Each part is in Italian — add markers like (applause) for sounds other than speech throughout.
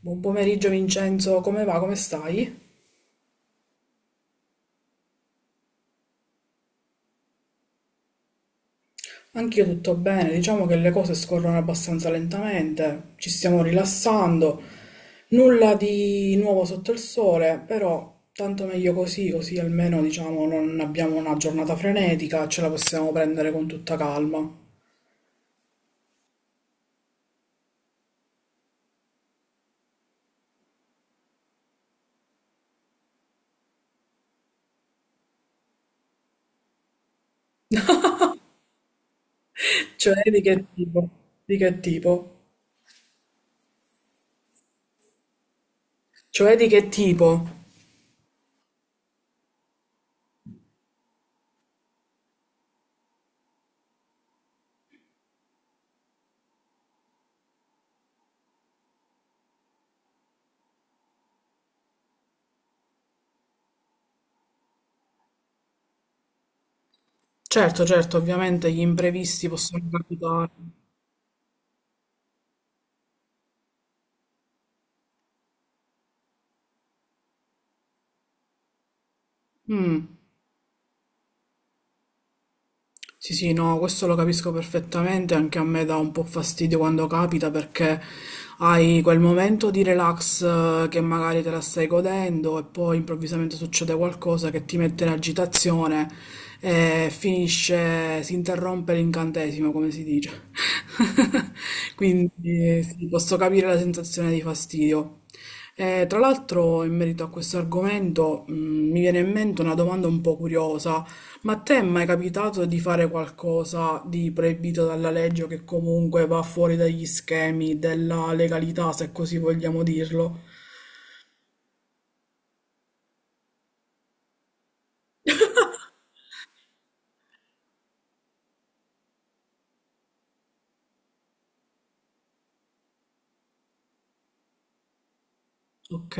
Buon pomeriggio Vincenzo, come va? Come stai? Anch'io tutto bene, diciamo che le cose scorrono abbastanza lentamente, ci stiamo rilassando, nulla di nuovo sotto il sole, però tanto meglio così, così almeno diciamo non abbiamo una giornata frenetica, ce la possiamo prendere con tutta calma. Cioè di che tipo? Di che tipo? Cioè di che tipo? Certo, certo, ovviamente gli imprevisti possono capitare. Mm. Sì, sì, no, questo lo capisco perfettamente, anche a me dà un po' fastidio quando capita perché hai quel momento di relax che magari te la stai godendo e poi improvvisamente succede qualcosa che ti mette in agitazione e finisce, si interrompe l'incantesimo, come si dice. (laughs) Quindi sì, posso capire la sensazione di fastidio. Tra l'altro, in merito a questo argomento, mi viene in mente una domanda un po' curiosa. Ma a te è mai capitato di fare qualcosa di proibito dalla legge o che comunque va fuori dagli schemi della legalità, se così vogliamo dirlo? Ok.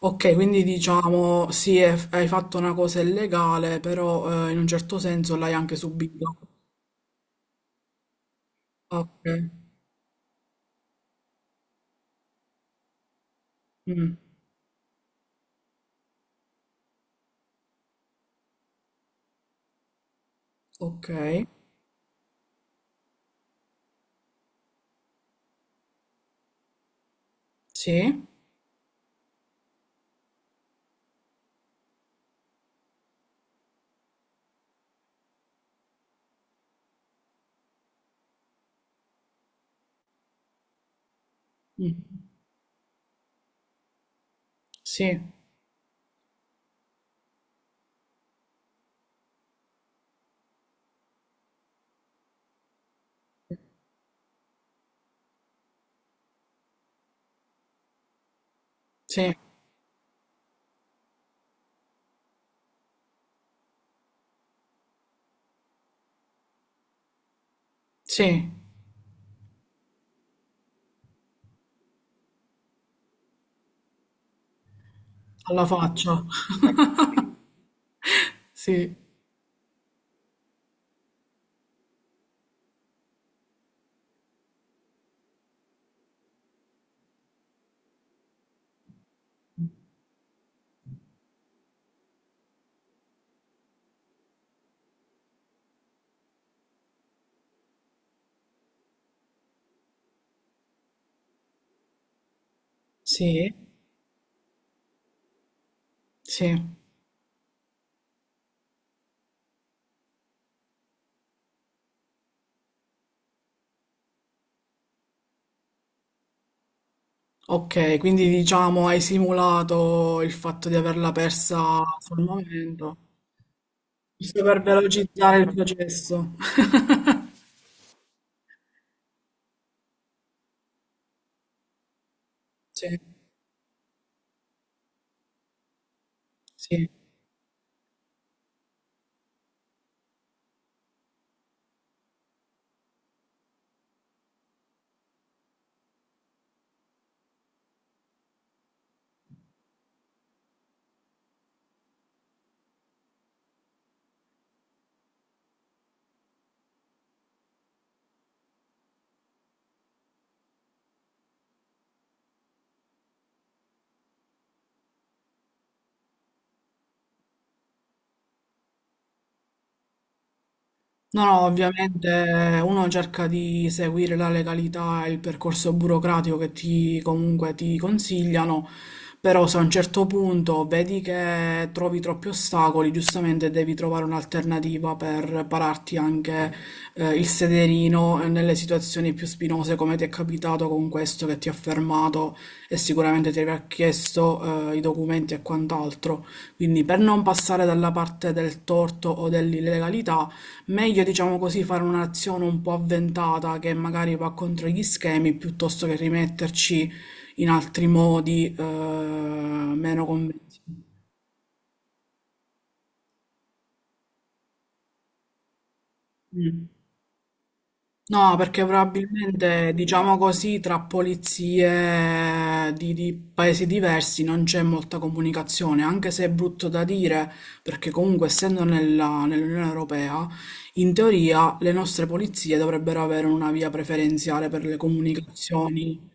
Ok, quindi diciamo sì, hai fatto una cosa illegale, però in un certo senso l'hai anche subita. Ok. Mm. Ok. Sì. Mm. Sì. Sì. Sì. Alla faccia. (laughs) Sì. Sì. Sì. Ok, quindi diciamo hai simulato il fatto di averla persa sul momento, giusto per velocizzare il processo. (laughs) Sì, sì. No, no, ovviamente uno cerca di seguire la legalità e il percorso burocratico che ti comunque ti consigliano, però se a un certo punto vedi che trovi troppi ostacoli, giustamente devi trovare un'alternativa per pararti anche il sederino nelle situazioni più spinose come ti è capitato con questo che ti ha fermato e sicuramente ti avrà chiesto i documenti e quant'altro. Quindi per non passare dalla parte del torto o dell'illegalità, meglio, diciamo così, fare un'azione un po' avventata che magari va contro gli schemi piuttosto che rimetterci in altri modi meno convenzionali. Mm. No, perché probabilmente, diciamo così, tra polizie di paesi diversi non c'è molta comunicazione, anche se è brutto da dire, perché comunque essendo nell'Unione Europea, in teoria le nostre polizie dovrebbero avere una via preferenziale per le comunicazioni.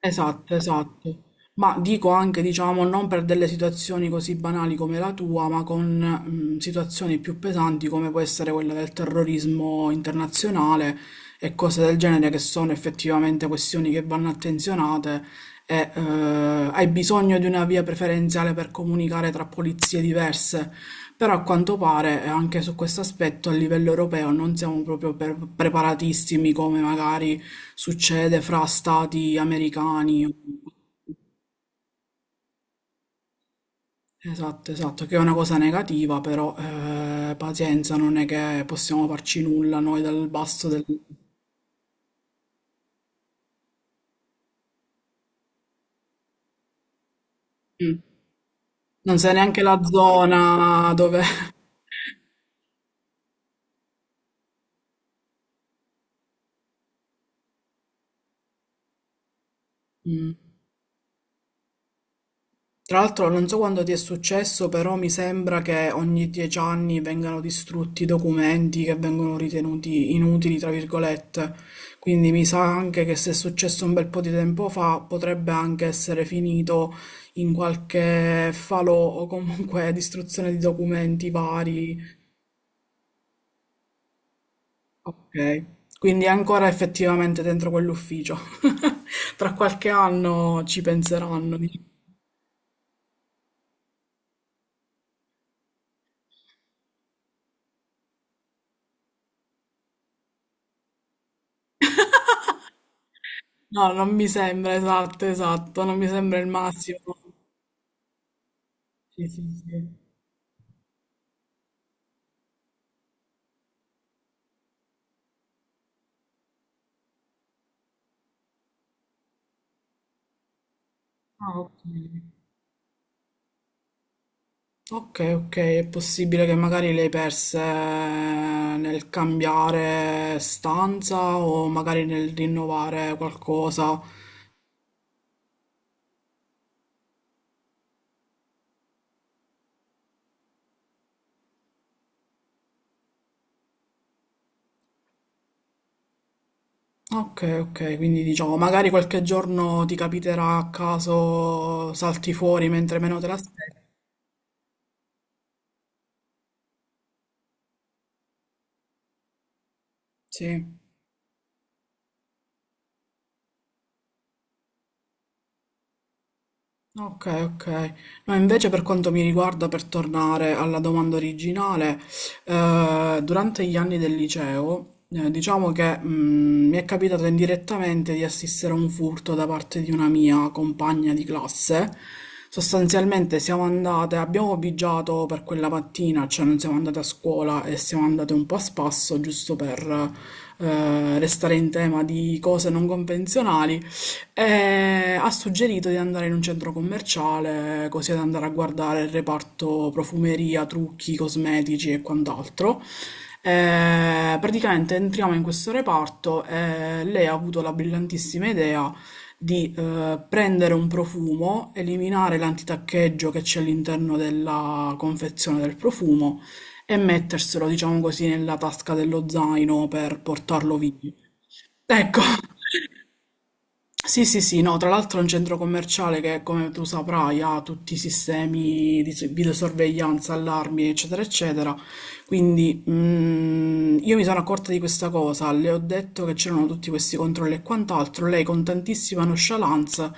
Esatto, esatto. Ma dico anche, diciamo, non per delle situazioni così banali come la tua, ma con situazioni più pesanti come può essere quella del terrorismo internazionale e cose del genere che sono effettivamente questioni che vanno attenzionate e hai bisogno di una via preferenziale per comunicare tra polizie diverse. Però a quanto pare anche su questo aspetto a livello europeo non siamo proprio preparatissimi come magari succede fra stati americani. Esatto, esatto, che è una cosa negativa, però pazienza, non è che possiamo farci nulla noi dal basso del. Mm. Non sai neanche la zona dove. (laughs) Mm. Tra l'altro non so quando ti è successo, però mi sembra che ogni 10 anni vengano distrutti documenti che vengono ritenuti inutili, tra virgolette. Quindi mi sa anche che se è successo un bel po' di tempo fa, potrebbe anche essere finito in qualche falò o comunque (laughs) distruzione di documenti vari. Ok. Quindi è ancora effettivamente dentro quell'ufficio. (laughs) Tra qualche anno ci penseranno. No, non mi sembra, esatto, esatto, non mi sembra il massimo. Sì, sì, sì. Ah, ok. Ok, ok, è possibile che magari le hai perse nel cambiare stanza o magari nel rinnovare qualcosa. Ok, ok, quindi diciamo, magari qualche giorno ti capiterà a caso salti fuori mentre meno te l'aspetti. Sì. Ok, ok. No, invece per quanto mi riguarda, per tornare alla domanda originale, durante gli anni del liceo, diciamo che mi è capitato indirettamente di assistere a un furto da parte di una mia compagna di classe. Sostanzialmente siamo andate, abbiamo bigiato per quella mattina, cioè non siamo andate a scuola e siamo andate un po' a spasso, giusto per restare in tema di cose non convenzionali. E ha suggerito di andare in un centro commerciale, così ad andare a guardare il reparto profumeria, trucchi, cosmetici e quant'altro. Praticamente entriamo in questo reparto e lei ha avuto la brillantissima idea di prendere un profumo, eliminare l'antitaccheggio che c'è all'interno della confezione del profumo e metterselo, diciamo così, nella tasca dello zaino per portarlo via. Ecco. Sì, sì, sì, no, tra l'altro è un centro commerciale che, come tu saprai, ha tutti i sistemi di videosorveglianza, allarmi, eccetera, eccetera, quindi io mi sono accorta di questa cosa, le ho detto che c'erano tutti questi controlli e quant'altro, lei con tantissima nonchalance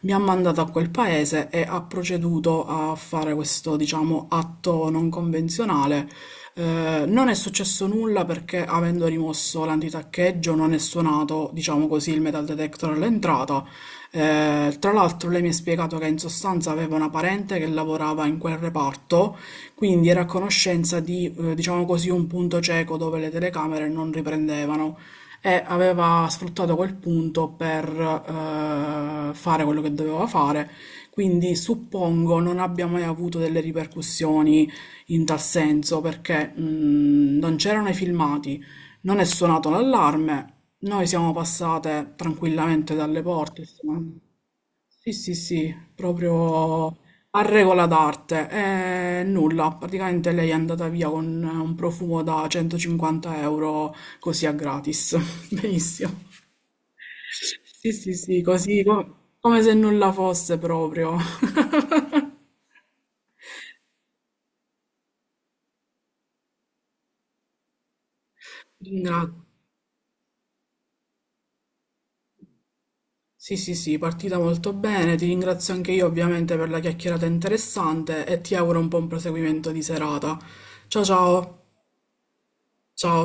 mi ha mandato a quel paese e ha proceduto a fare questo, diciamo, atto non convenzionale. Non è successo nulla perché avendo rimosso l'antitaccheggio non è suonato, diciamo così, il metal detector all'entrata. Tra l'altro lei mi ha spiegato che in sostanza aveva una parente che lavorava in quel reparto quindi era a conoscenza di, diciamo così, un punto cieco dove le telecamere non riprendevano e aveva sfruttato quel punto per fare quello che doveva fare. Quindi suppongo non abbia mai avuto delle ripercussioni in tal senso perché non c'erano i filmati, non è suonato l'allarme, noi siamo passate tranquillamente dalle porte, insomma. Sì, sì, sì, proprio a regola d'arte. E nulla, praticamente lei è andata via con un profumo da 150 euro così a gratis. (laughs) Benissimo. Sì, sì, sì, così come se nulla fosse proprio. Ti ringra- Sì, sì, sì, partita molto bene. Ti ringrazio anche io ovviamente per la chiacchierata interessante e ti auguro un buon proseguimento di serata. Ciao, ciao. Ciao.